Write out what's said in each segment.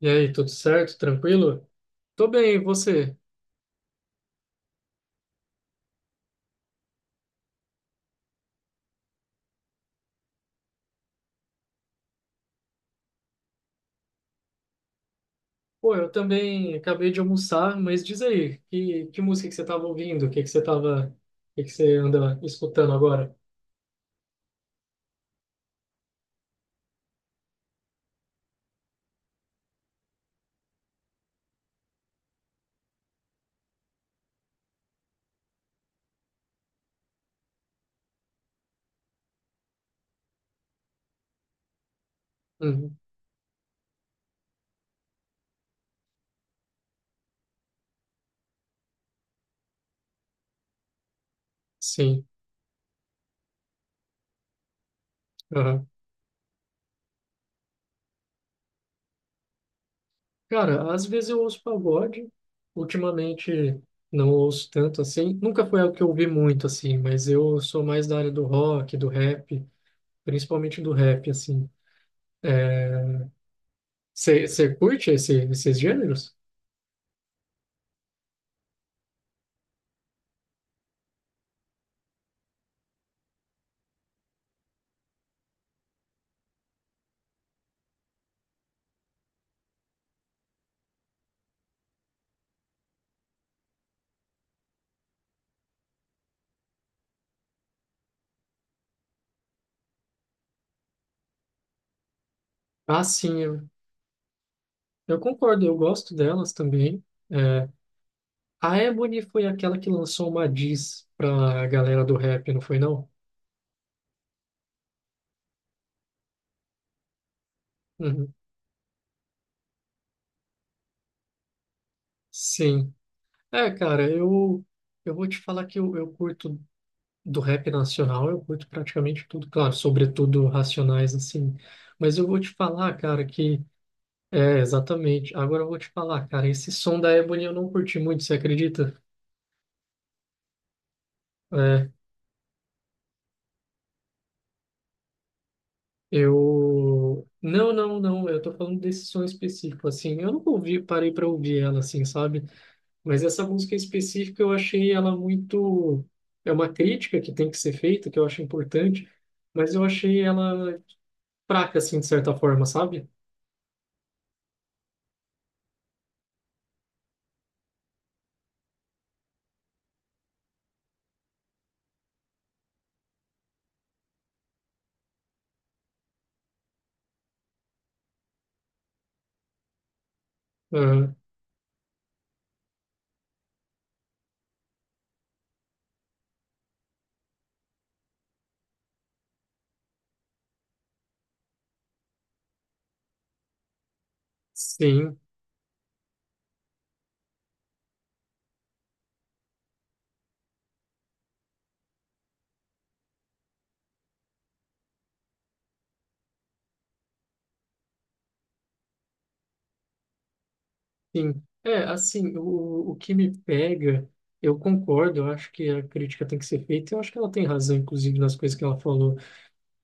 E aí, tudo certo? Tranquilo? Tô bem, e você? Pô, eu também acabei de almoçar, mas diz aí, que música que você tava ouvindo? O que que você tava, o que que você anda escutando agora? Uhum. Sim. Aham. Cara, às vezes eu ouço pagode, ultimamente não ouço tanto assim. Nunca foi algo que eu ouvi muito assim, mas eu sou mais da área do rock, do rap, principalmente do rap, assim. Você curte esses gêneros? Ah, sim, eu concordo, eu gosto delas também. A Ebony foi aquela que lançou uma diss pra galera do rap, não foi não? Uhum. Sim. É, cara, eu vou te falar que eu curto do rap nacional, eu curto praticamente tudo, claro, sobretudo Racionais, assim. Mas eu vou te falar, cara, que... É, exatamente. Agora eu vou te falar, cara, esse som da Ebony eu não curti muito, você acredita? É, eu... Não, não, não, eu tô falando desse som específico, assim. Eu nunca ouvi, parei pra ouvir ela, assim, sabe? Mas essa música em específico eu achei ela muito. É uma crítica que tem que ser feita, que eu acho importante, mas eu achei ela fraca, assim, de certa forma, sabe? Ah, sim, sim. É, assim, o que me pega, eu concordo, eu acho que a crítica tem que ser feita, eu acho que ela tem razão, inclusive, nas coisas que ela falou.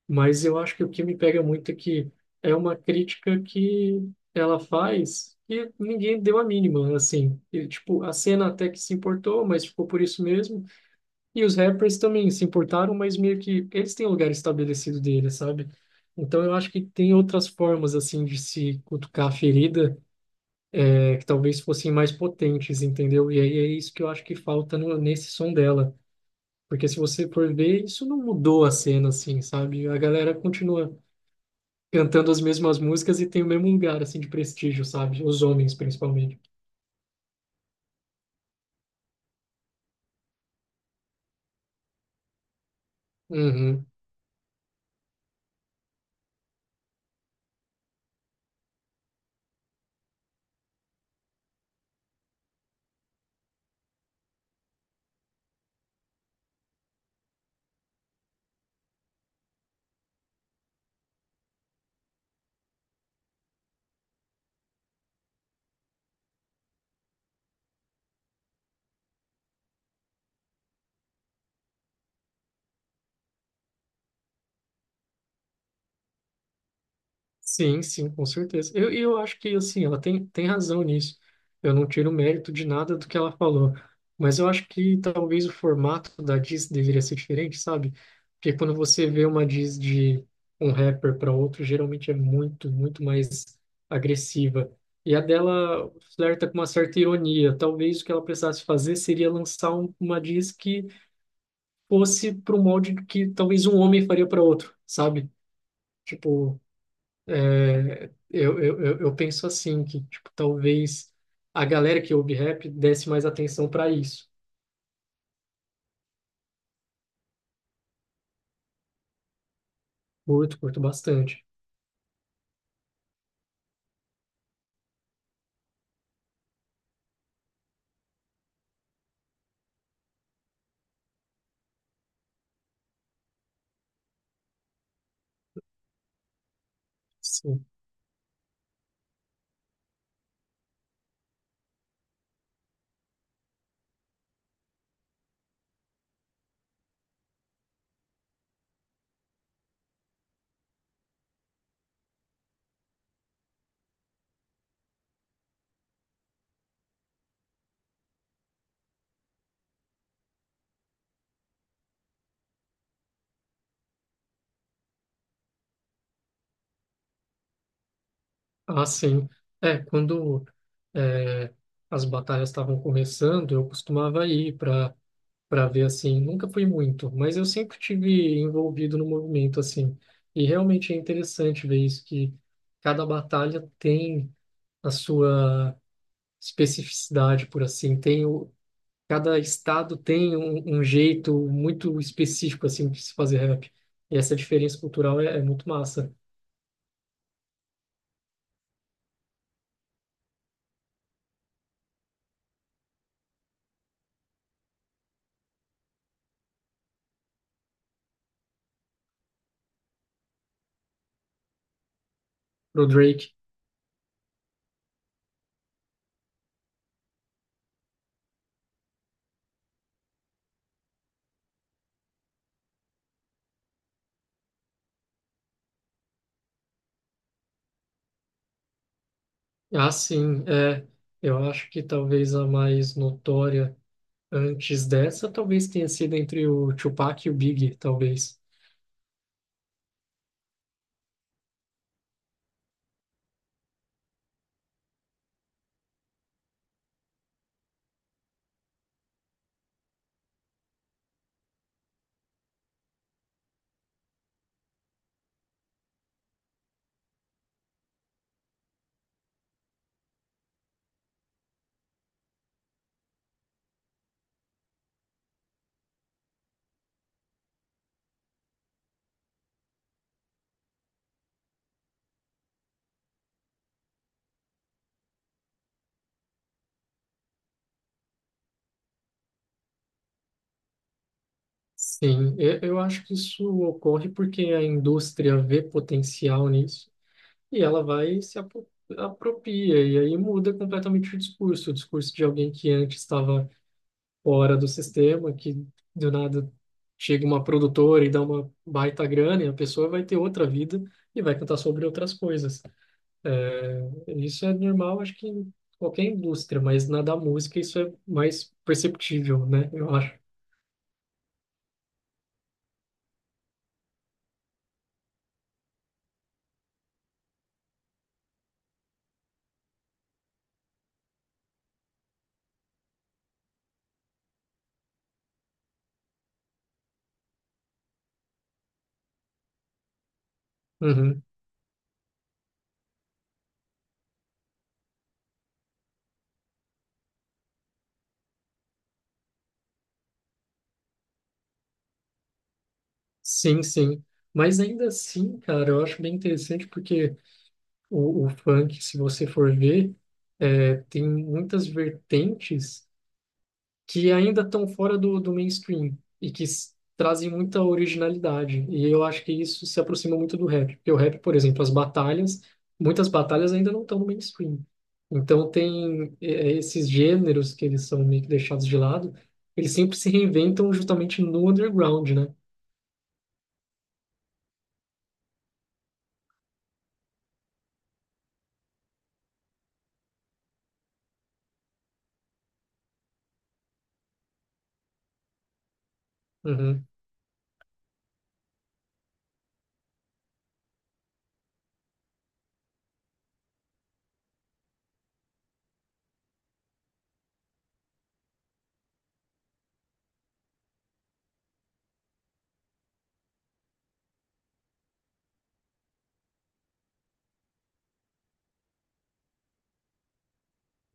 Mas eu acho que o que me pega muito é que é uma crítica que ela faz e ninguém deu a mínima, assim. E, tipo, a cena até que se importou, mas ficou por isso mesmo. E os rappers também se importaram, mas meio que eles têm o lugar estabelecido deles, sabe? Então eu acho que tem outras formas, assim, de se cutucar a ferida, é, que talvez fossem mais potentes, entendeu? E aí é isso que eu acho que falta no, nesse som dela. Porque se você for ver, isso não mudou a cena, assim, sabe? A galera continua cantando as mesmas músicas e tem o mesmo lugar, assim, de prestígio, sabe? Os homens, principalmente. Uhum. Sim, sim, com certeza. Eu, e eu acho que, assim, ela tem razão nisso. Eu não tiro mérito de nada do que ela falou. Mas eu acho que talvez o formato da diss deveria ser diferente, sabe? Porque quando você vê uma diss de um rapper para outro, geralmente é muito, muito mais agressiva. E a dela flerta com uma certa ironia. Talvez o que ela precisasse fazer seria lançar uma diss que fosse para um molde que talvez um homem faria para outro, sabe? Tipo, eu penso assim, que tipo, talvez a galera que ouve rap desse mais atenção para isso. Curto, curto bastante. Sim. Ah, sim. É, quando é, as batalhas estavam começando, eu costumava ir para ver assim. Nunca fui muito, mas eu sempre tive envolvido no movimento assim. E realmente é interessante ver isso, que cada batalha tem a sua especificidade, por assim, tem o, cada estado tem um, um jeito muito específico assim de se fazer rap. E essa diferença cultural é, é muito massa pro Drake. Ah, sim, é. Eu acho que talvez a mais notória antes dessa talvez tenha sido entre o Tupac e o Big, talvez. Sim, eu acho que isso ocorre porque a indústria vê potencial nisso e ela vai se apo- apropria, e aí muda completamente o discurso de alguém que antes estava fora do sistema, que do nada chega uma produtora e dá uma baita grana, e a pessoa vai ter outra vida e vai cantar sobre outras coisas. É, isso é normal, acho que em qualquer indústria, mas na da música isso é mais perceptível, né? Eu acho. Uhum. Sim, sim. Mas ainda assim, cara, eu acho bem interessante porque o funk, se você for ver, tem muitas vertentes que ainda estão fora do mainstream e que trazem muita originalidade. E eu acho que isso se aproxima muito do rap. Porque o rap, por exemplo, as batalhas, muitas batalhas ainda não estão no mainstream. Então tem esses gêneros que eles são meio que deixados de lado, eles sempre se reinventam justamente no underground, né? Uhum.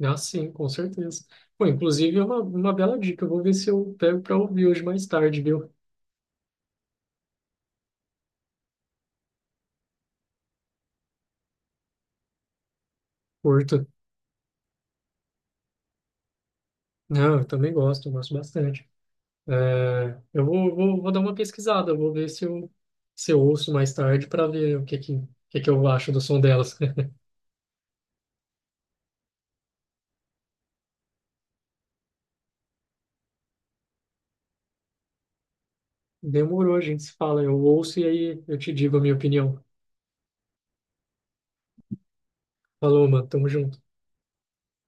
Ah, sim, com certeza. Pô, inclusive é uma bela dica. Eu vou ver se eu pego para ouvir hoje mais tarde, viu? Curto. Não, eu também gosto, eu gosto bastante. É, vou dar uma pesquisada, eu vou ver se eu, se eu ouço mais tarde para ver o que que eu acho do som delas. Demorou, a gente se fala, eu ouço e aí eu te digo a minha opinião. Falou, mano, tamo junto.